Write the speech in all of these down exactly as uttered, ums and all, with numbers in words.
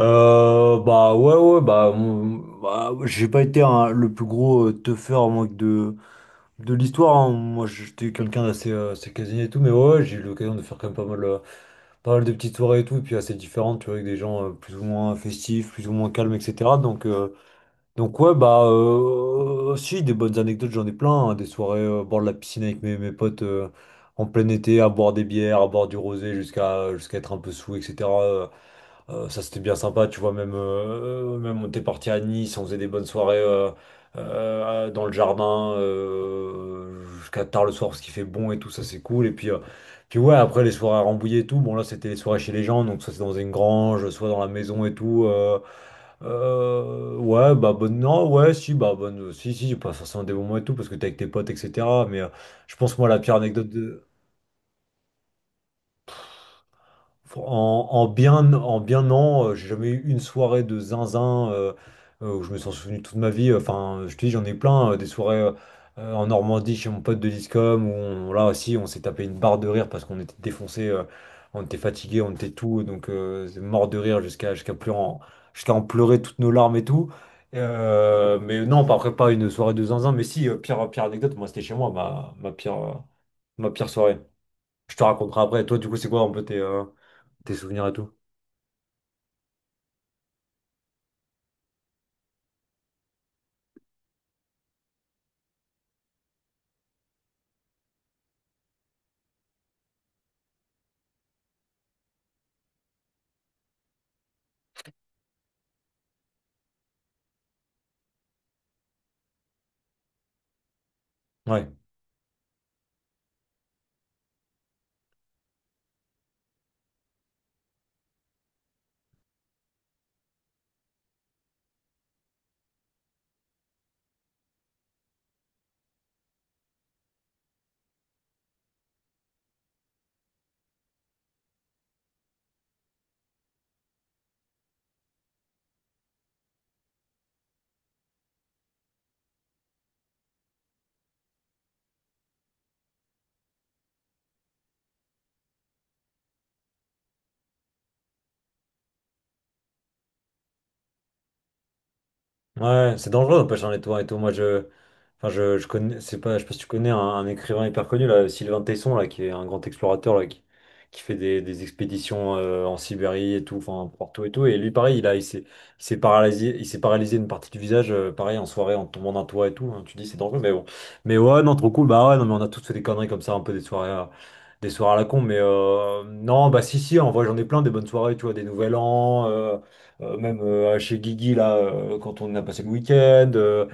Euh, bah ouais ouais bah, mon- bah, j'ai pas été un- le plus gros euh, teufeur moi, de de l'histoire hein. Moi j'étais quelqu'un d'assez euh, assez casanier et tout mais ouais ouais, j'ai eu l'occasion de faire quand même pas mal euh, pas mal de petites soirées et tout et puis assez différentes tu vois avec des gens euh, plus ou moins festifs plus ou moins calmes etc donc euh, donc ouais bah euh, si des bonnes anecdotes j'en ai plein hein. Des soirées euh, au bord de la piscine avec mes mes potes euh, en plein été à boire des bières à boire du rosé jusqu'à jusqu'à être un peu saoul etc euh, ça c'était bien sympa, tu vois, même, euh, même on était parti à Nice, on faisait des bonnes soirées euh, euh, dans le jardin euh, jusqu'à tard le soir parce qu'il fait bon et tout, ça c'est cool. Et puis, euh, puis ouais, après les soirées à Rambouillet et tout, bon là c'était les soirées chez les gens, donc soit c'est dans une grange, soit dans la maison et tout. Euh, euh, ouais, bah bonne, non, ouais, si, bah bonne, si, si, pas forcément des bons moments et tout parce que t'es avec tes potes, et cetera. Mais euh, je pense moi la pire anecdote de... En, en bien, en bien non, euh, j'ai jamais eu une soirée de zinzin euh, euh, où je me suis souvenu toute ma vie. Enfin, je te dis, j'en ai plein, euh, des soirées euh, euh, en Normandie chez mon pote de l'ISCOM où on- là aussi on s'est tapé une barre de rire parce qu'on était défoncé, euh, on était fatigué, on était tout, donc euh, c'est mort de rire jusqu'à jusqu'à pleurer, en- jusqu'à en pleurer toutes nos larmes et tout. Euh, mais non, pas- après pas une soirée de zinzin, mais si, euh, pire, euh, pire anecdote, moi c'était chez moi, ma, ma pire, euh, ma pire soirée. Je te raconterai après. Toi, du coup, c'est quoi un peu tes, euh, tes souvenirs et tout? Ouais, ouais, c'est dangereux d'empêcher un étoile et tout. Moi, je, enfin, je, je connais, c'est pas, je sais pas si tu connais un, un écrivain hyper connu là, Sylvain Tesson là, qui est un grand explorateur là, qui, qui fait des, des expéditions euh, en Sibérie et tout, enfin partout et tout. Et lui, pareil, il a, il s'est, il s'est paralysé, il s'est paralysé une partie du visage, euh, pareil en soirée en tombant d'un toit et tout. Hein. Tu dis c'est dangereux, mais bon. Mais ouais, non, trop cool. Bah ouais, non, mais on a tous fait des conneries comme ça, un peu des soirées. à- Des soirées à la con, mais euh, non, bah si, si, en vrai, j'en ai plein des bonnes soirées, tu vois, des Nouvel An, euh, euh, même euh, chez Guigui, là, euh, quand on a passé le week-end. euh,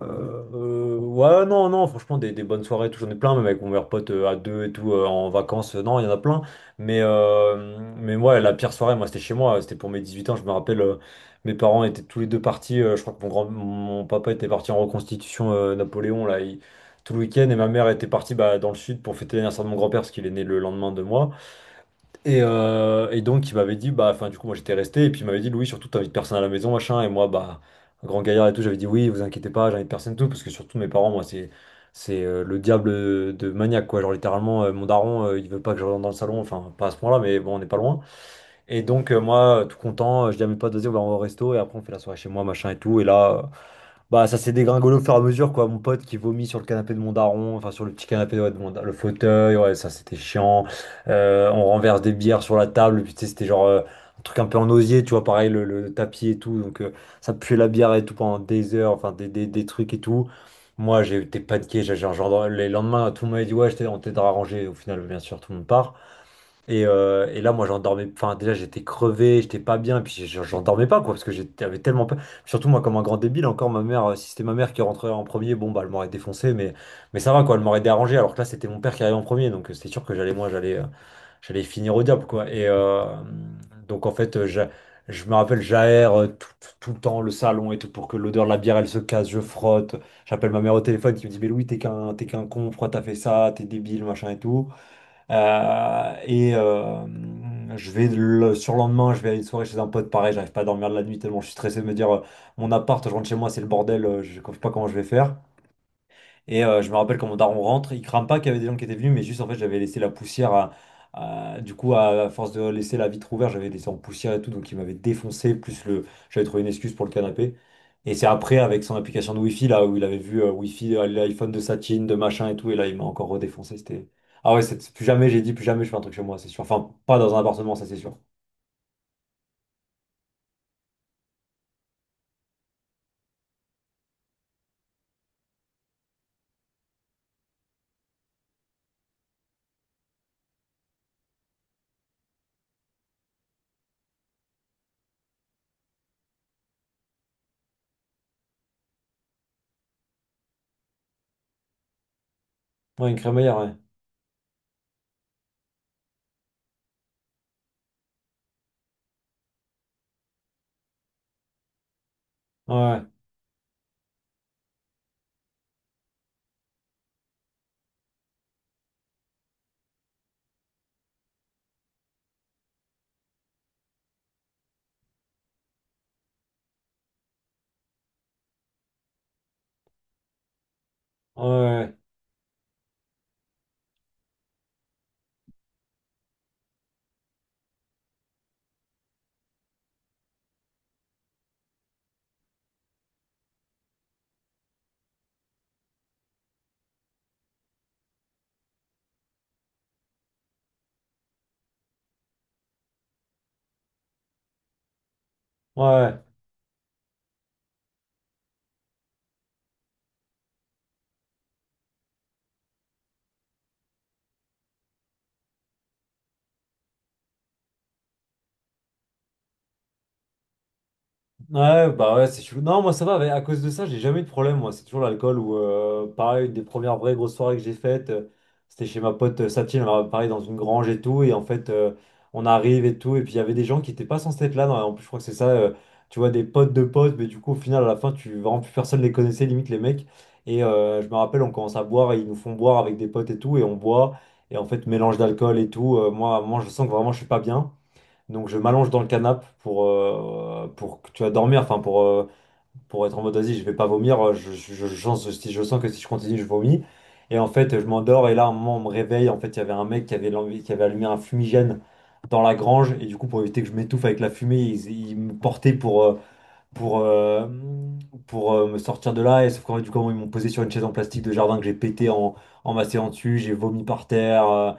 euh, Ouais, non, non, franchement, des, des bonnes soirées, tout, j'en ai plein, même avec mon meilleur pote euh, à deux et tout, euh, en vacances, euh, non, il y en a plein. Mais, euh, mais ouais, la pire soirée, moi, c'était chez moi, c'était pour mes dix-huit ans, je me rappelle, euh, mes parents étaient tous les deux partis, euh, je crois que mon grand, mon papa était parti en reconstitution euh, Napoléon, là, il- tout le week-end, et ma mère était partie bah, dans le sud pour fêter l'anniversaire de mon grand-père, parce qu'il est né le lendemain de moi. Et, euh, et donc, il m'avait dit, bah, enfin, du coup, moi j'étais resté, et puis il m'avait dit, Louis, surtout, t'invites personne à la maison, machin, et moi, bah, un grand gaillard et tout, j'avais dit, oui, vous inquiétez pas, j'invite personne et tout, parce que surtout, mes parents, moi, c'est c'est euh, le diable de maniaque, quoi. Genre, littéralement, euh, mon daron, euh, il veut pas que je rentre dans le salon, enfin, pas à ce point-là, mais bon, on n'est pas loin. Et donc, euh, moi, euh, tout content, euh, je dis à mes potes, vas-y, on va au resto, et après, on fait la soirée chez moi, machin et tout, et là. Euh, bah, ça s'est dégringolé au fur et à mesure, quoi. Mon pote qui vomit sur le canapé de mon daron, enfin sur le petit canapé ouais, de mon da- le fauteuil, ouais, ça c'était chiant. Euh, on renverse des bières sur la table, puis tu sais, c'était genre euh, un truc un peu en osier, tu vois, pareil, le, le tapis et tout. Donc euh, ça puait la bière et tout pendant des heures, enfin des, des, des trucs et tout. Moi, j'ai été paniqué, j'ai j'ai- genre, les lendemains, tout le monde m'avait dit, ouais, je t'ai- on t'aidera à ranger. Au final, bien sûr, tout le monde part. Et, euh, et là, moi, j'en dormais. Enfin, déjà, j'étais crevé, j'étais pas bien, et puis j'en j'en dormais pas, quoi, parce que j'étais- j'avais tellement peur. Surtout, moi, comme un grand débile, encore ma mère, euh, si c'était ma mère qui rentrait en premier, bon, bah, elle m'aurait défoncé, mais, mais ça va, quoi, elle m'aurait dérangé, alors que là, c'était mon père qui arrivait en premier, donc euh, c'est sûr que j'allais, moi, j'allais euh, j'allais finir au diable, quoi. Et euh, donc, en fait, euh, j'a- je me rappelle, j'aère euh, tout, tout- tout le temps le salon et tout pour que l'odeur de la bière, elle se casse, je frotte. J'appelle ma mère au téléphone qui me dit, mais Louis, t'es qu'un, t'es qu'un con, pourquoi t'as fait ça, t'es débile, machin et tout. Euh, et euh, je vais le surlendemain, je vais à une soirée chez un pote, pareil, j'arrive pas à dormir de la nuit tellement je suis stressé de me dire euh, mon appart, je rentre chez moi, c'est le bordel, euh, je ne sais pas comment je vais faire. Et euh, je me rappelle quand mon daron rentre, il crame pas qu'il y avait des gens qui étaient venus, mais juste en fait j'avais laissé la poussière, à- à- du coup à force de laisser la vitre ouverte, j'avais laissé en poussière et tout, donc il m'avait défoncé, plus le, j'avais trouvé une excuse pour le canapé. Et c'est après avec son application de Wi-Fi là où il avait vu euh, Wi-Fi, euh, l'iPhone de Satine, de machin et tout, et là il m'a encore redéfoncé, c'était... Ah ouais, c'est- plus jamais j'ai dit, plus jamais je fais un truc chez moi, c'est sûr. Enfin, pas dans un appartement, ça c'est sûr. Ouais, une crémaillère, ouais. Ouais, ouais, ouais. Ouais. Ouais. Ouais, bah ouais, c'est chelou. Non, moi ça va, mais à cause de ça, j'ai jamais eu de problème, moi. C'est toujours l'alcool ou euh, pareil, une des premières vraies grosses soirées que j'ai faites, euh, c'était chez ma pote euh, Satine, alors, pareil, dans une grange et tout. Et en fait, euh, on arrive et tout. Et puis il y avait des gens qui étaient pas censés être là. Non, en plus, je crois que c'est ça, euh, tu vois, des potes de potes, mais du coup, au final, à la fin, tu vraiment plus personne les connaissait, limite les mecs. Et euh, je me rappelle, on commence à boire et ils nous font boire avec des potes et tout. Et on boit, et en fait, mélange d'alcool et tout. euh, moi, moi, je sens que vraiment je suis pas bien. Donc je m'allonge dans le canapé pour, euh, pour que tu vas dormir, enfin pour, euh, pour être en mode vas-y, je vais pas vomir, euh, je, je, je, je- si je sens que si je continue, je vomis. Et en fait, je m'endors et là, à un moment, on me réveille. En fait, il y avait un mec qui avait, l'envie- qui avait allumé un fumigène dans la grange. Et du coup, pour éviter que je m'étouffe avec la fumée, il, il me portait pour, euh, pour, euh, pour euh, me sortir de là. Et sauf qu'en fait, du coup, ils m'ont posé sur une chaise en plastique de jardin que j'ai pété en, en m'asseyant dessus. J'ai vomi par terre. euh,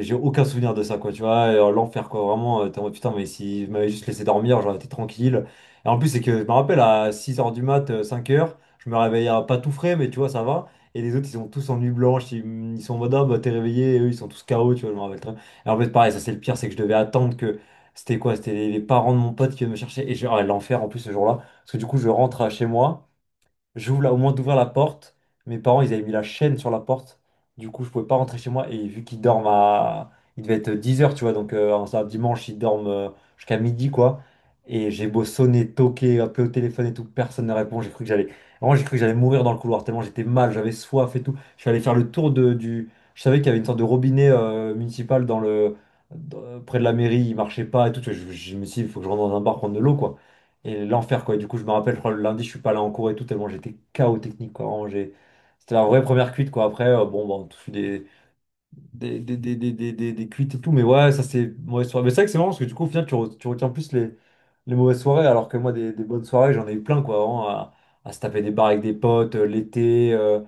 J'ai aucun souvenir de ça, quoi, tu vois. et, euh, L'enfer, quoi, vraiment. euh, T'es en mode, putain, mais si je m'avais juste laissé dormir, j'aurais été tranquille. Et en plus, c'est que je me rappelle à six heures du mat, euh, cinq heures je me réveillais euh, pas tout frais, mais tu vois, ça va. Et les autres, ils sont tous en nuit blanche, ils, ils sont en mode, ah, bah, t'es réveillé, et eux, ils sont tous K O, tu vois, je me rappelle très bien. Et en fait, pareil, ça, c'est le pire, c'est que je devais attendre que. C'était quoi? C'était les, les parents de mon pote qui venaient me chercher. Et j'ai, ah, l'enfer en plus ce jour-là. Parce que du coup, je rentre à chez moi. J'ouvre la- au moment d'ouvrir la porte, mes parents ils avaient mis la chaîne sur la porte. Du coup, je pouvais pas rentrer chez moi et vu qu'ils dorment à. Il devait être dix heures tu vois, donc euh, un samedi, dimanche, ils dorment euh, jusqu'à midi, quoi. Et j'ai beau sonner, toquer, appeler au téléphone et tout, personne ne répond. J'ai cru que j'allais. Vraiment, j'ai cru que j'allais mourir dans le couloir, tellement j'étais mal, j'avais soif et tout. Je suis allé faire le tour de, du. Je savais qu'il y avait une sorte de robinet euh, municipal dans le. Dans- près de la mairie, il marchait pas et tout. Tu vois, Je, je me suis dit, il faut que je rentre dans un bar prendre de l'eau, quoi. Et l'enfer, quoi. Et du coup, je me rappelle, je crois, le lundi, je suis pas là en cours et tout, tellement j'étais K O technique, quoi. Vraiment, j'ai- C'était la vraie première cuite, quoi. Après, euh, bon, bah, on touche des, des, des, des, des, des, des- des cuites et tout, mais ouais, ça c'est mauvaise soirée. Mais c'est vrai que c'est marrant parce que du coup, au final, tu, re- tu retiens plus les, les mauvaises soirées, alors que moi, des, des bonnes soirées, j'en ai eu plein, quoi, vraiment, à, à se taper des bars avec des potes, euh, l'été, euh,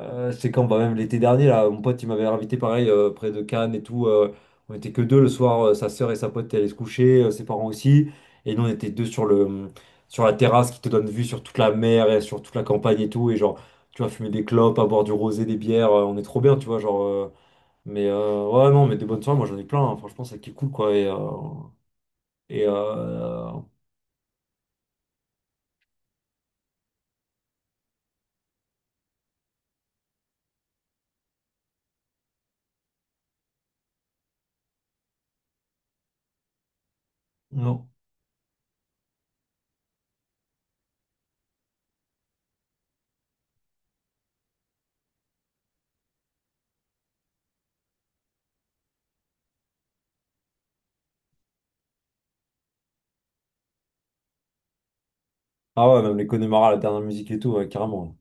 euh, je sais quand, bah, même l'été dernier, là, mon pote, il m'avait invité, pareil, euh, près de Cannes et tout, euh, on était que deux le soir, euh, sa sœur et sa pote allaient se coucher, euh, ses parents aussi, et nous, on était deux sur le, sur la terrasse qui te donne vue sur toute la mer et sur toute la campagne et tout, et genre, tu vois, fumer des clopes, à boire du rosé, des bières, euh, on est trop bien, tu vois, genre... euh, mais euh, ouais, non, mais des bonnes soirées, moi j'en ai plein, hein. Franchement, c'est qui est cool quoi. Et, euh, et euh, non. Ah ouais, même les Connemara, la dernière musique et tout, ouais, carrément.